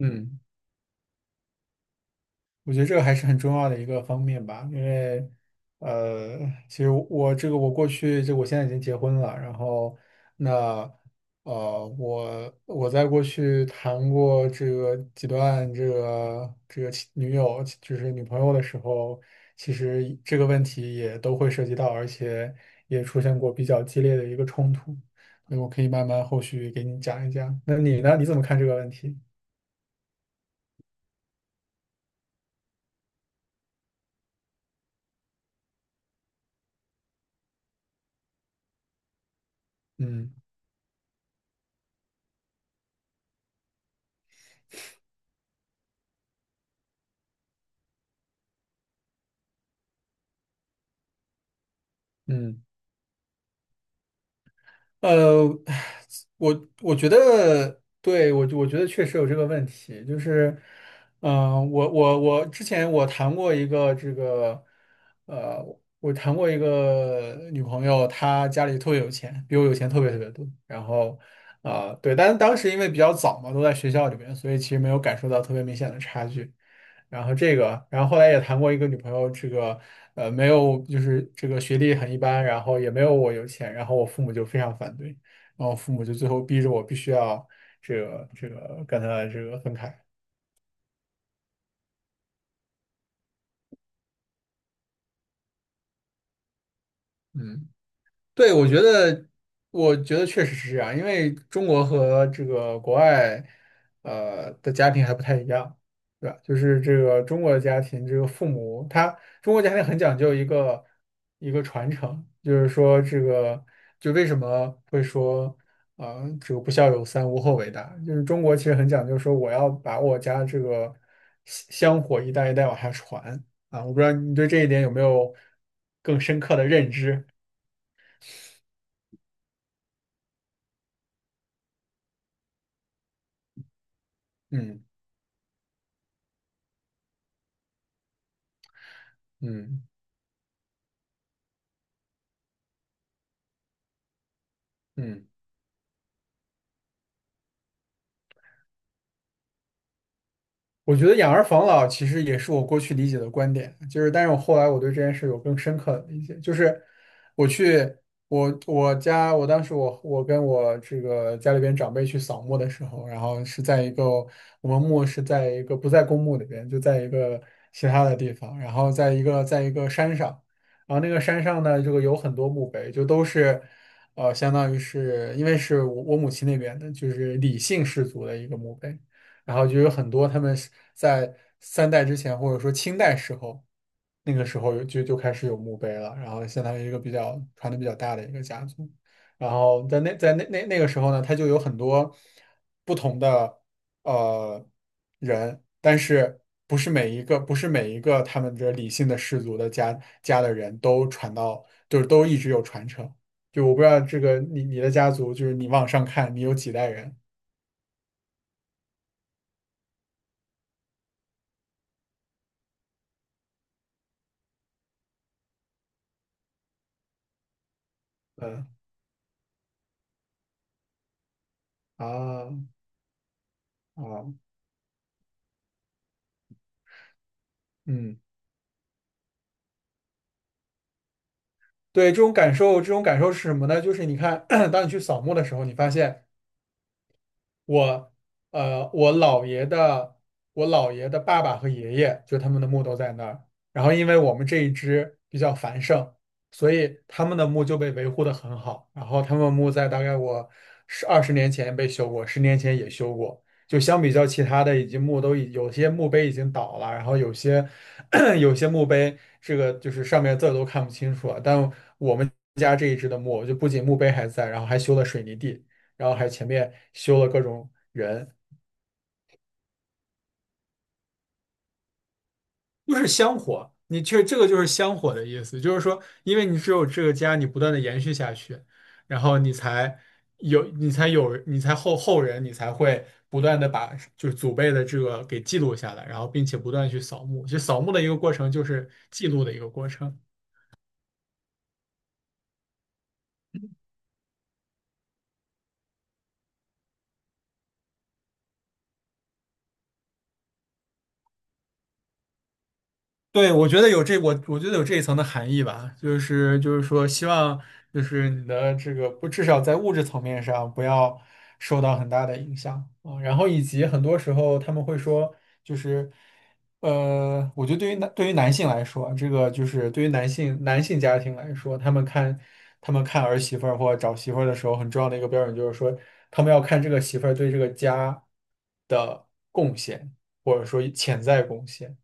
嗯，我觉得这个还是很重要的一个方面吧。因为，呃，其实我这个我过去这我现在已经结婚了。然后那我在过去谈过这个几段这个这个其女友就是女朋友的时候，其实这个问题也都会涉及到，而且也出现过比较激烈的一个冲突，所以我可以慢慢后续给你讲一讲。那你呢？你怎么看这个问题？嗯嗯。呃，我觉得，对，我觉得确实有这个问题，就是，嗯、我之前谈过一个这个，呃，我谈过一个女朋友，她家里特别有钱，比我有钱特别特别多。然后，啊、对，但是当时因为比较早嘛，都在学校里面，所以其实没有感受到特别明显的差距。然后这个，然后后来也谈过一个女朋友，这个没有，就是这个学历很一般，然后也没有我有钱，然后我父母就非常反对，然后父母就最后逼着我必须要这个跟他分开。嗯。对，我觉得，我觉得确实是这样。因为中国和这个国外，的家庭还不太一样，对吧？就是这个中国的家庭，这个父母他中国家庭很讲究一个传承。就是说这个就为什么会说，啊，这个不孝有三，无后为大，就是中国其实很讲究说我要把我家这个香香火一代一代往下传啊。我不知道你对这一点有没有更深刻的认知，嗯。嗯嗯，我觉得养儿防老其实也是我过去理解的观点。就是但是我后来我对这件事有更深刻的理解，就是我去我我家我当时我我跟我这个家里边长辈去扫墓的时候，然后是在一个我们墓是在一个不在公墓里边，就在一个其他的地方，然后在一个山上。然后那个山上呢，这个有很多墓碑，就都是。相当于是因为是我母亲那边的，就是李姓氏族的一个墓碑，然后就有很多他们是在3代之前，或者说清代时候，那个时候有就开始有墓碑了，然后相当于一个比较传的比较大的一个家族。然后在那那个时候呢，他就有很多不同的呃人，但是不是每一个他们这理性的氏族的家的人都传到，就是都一直有传承。就我不知道这个你的家族，就是你往上看，你有几代人？嗯啊啊。嗯，对，这种感受，这种感受是什么呢？就是你看，当你去扫墓的时候，你发现。我呃我姥爷的我姥爷的爸爸和爷爷，就他们的墓都在那儿。然后因为我们这一支比较繁盛，所以他们的墓就被维护的很好。然后他们墓在大概我二十年前被修过，十年前也修过。就相比较其他的，已经墓都已有些墓碑已经倒了，然后有些 有些墓碑这个就是上面字儿都看不清楚了。但我们家这一支的墓，就不仅墓碑还在，然后还修了水泥地。然后还前面修了各种人，就是香火。你这这个就是香火的意思。就是说，因为你只有这个家，你不断的延续下去，然后你才有，你才后人，你才会不断的把就是祖辈的这个给记录下来，然后并且不断地去扫墓。就扫墓的一个过程就是记录的一个过程。对，我觉得有这，我我觉得有这一层的含义吧。就是就是说，希望就是你的这个不，至少在物质层面上不要受到很大的影响啊。然后以及很多时候他们会说，就是我觉得对于男性来说，这个就是对于男性家庭来说，他们看儿媳妇儿或找媳妇儿的时候，很重要的一个标准就是说，他们要看这个媳妇儿对这个家的贡献，或者说潜在贡献。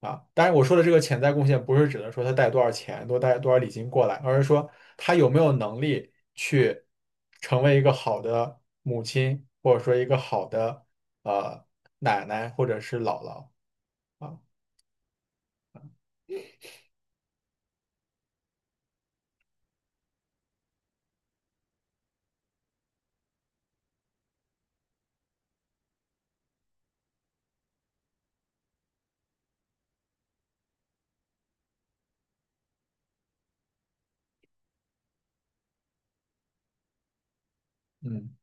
啊，当然我说的这个潜在贡献，不是指的说他带多少钱、多带多少礼金过来，而是说他有没有能力去成为一个好的母亲，或者说一个好的呃奶奶或者是姥姥啊。嗯，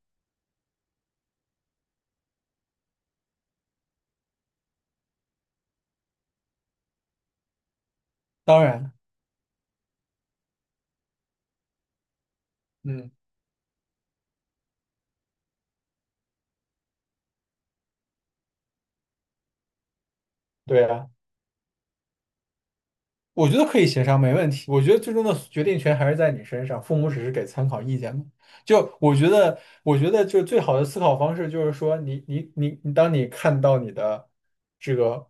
当然，嗯，对啊。我觉得可以协商，没问题。我觉得最终的决定权还是在你身上，父母只是给参考意见嘛。就我觉得，就最好的思考方式就是说你，你你你，当你看到你的这个，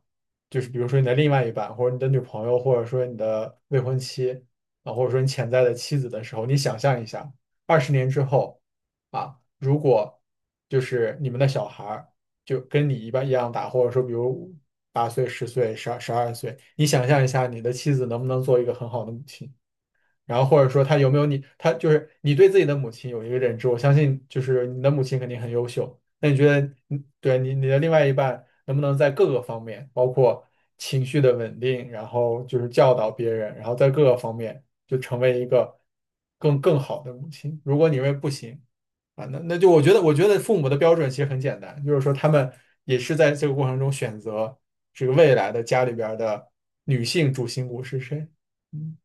就是比如说你的另外一半，或者你的女朋友，或者说你的未婚妻啊，或者说你潜在的妻子的时候，你想象一下，20年之后啊。如果就是你们的小孩儿，就跟你一般一样大，或者说比如8岁、10岁、12岁，你想象一下，你的妻子能不能做一个很好的母亲？然后或者说他有没有你，他就是你对自己的母亲有一个认知，我相信就是你的母亲肯定很优秀。那你觉得你，对你你的另外一半能不能在各个方面，包括情绪的稳定，然后就是教导别人，然后在各个方面就成为一个更好的母亲？如果你认为不行啊，那就我觉得，父母的标准其实很简单。就是说他们也是在这个过程中选择这个未来的家里边儿的女性主心骨是谁。嗯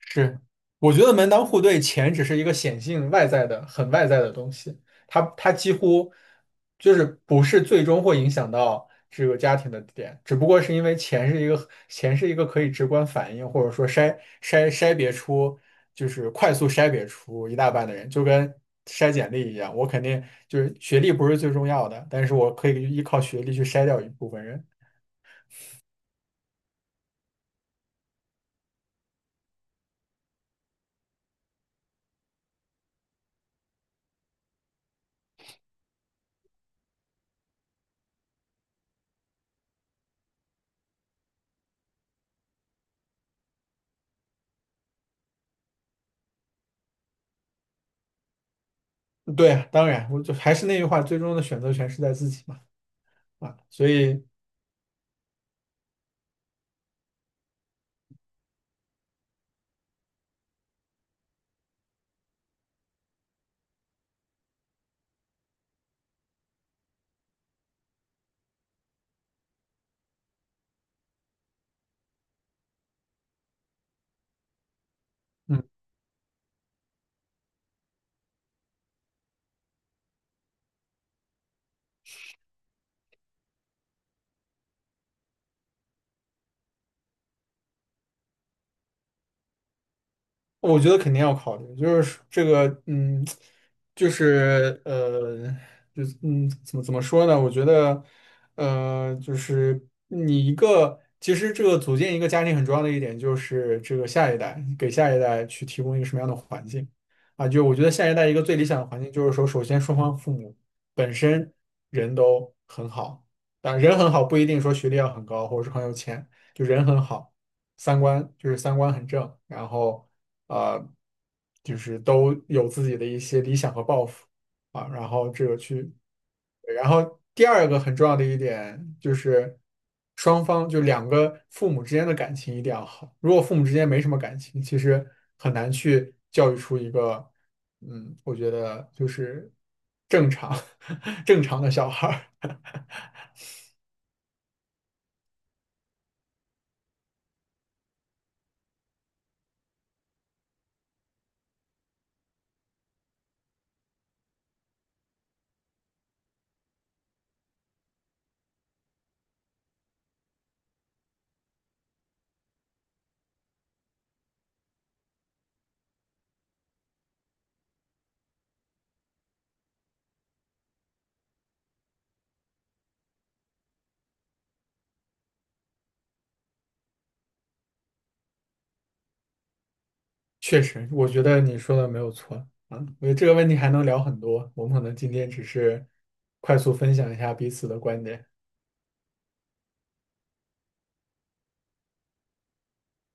是，我觉得门当户对，钱只是一个显性外在的、很外在的东西。它几乎就是不是最终会影响到这个家庭的点，只不过是因为钱是一个可以直观反映，或者说筛别出，就是快速筛别出一大半的人，就跟筛简历一样。我肯定就是学历不是最重要的，但是我可以依靠学历去筛掉一部分人。对啊当然，我就还是那句话，最终的选择权是在自己嘛，啊，所以。嗯。我觉得肯定要考虑，就是这个，嗯，就是怎么说呢？我觉得，就是你一个，其实这个组建一个家庭很重要的一点就是这个下一代，给下一代去提供一个什么样的环境啊？就我觉得下一代一个最理想的环境就是说，首先双方父母本身人都很好。啊，人很好不一定说学历要很高或者是很有钱，就人很好。三观就是三观很正。然后呃，就是都有自己的一些理想和抱负啊，然后这个去，然后第二个很重要的一点就是双方两个父母之间的感情一定要好。如果父母之间没什么感情，其实很难去教育出一个，嗯，我觉得就是正常 正常的小孩儿。确实，我觉得你说的没有错啊。我觉得这个问题还能聊很多，我们可能今天只是快速分享一下彼此的观点。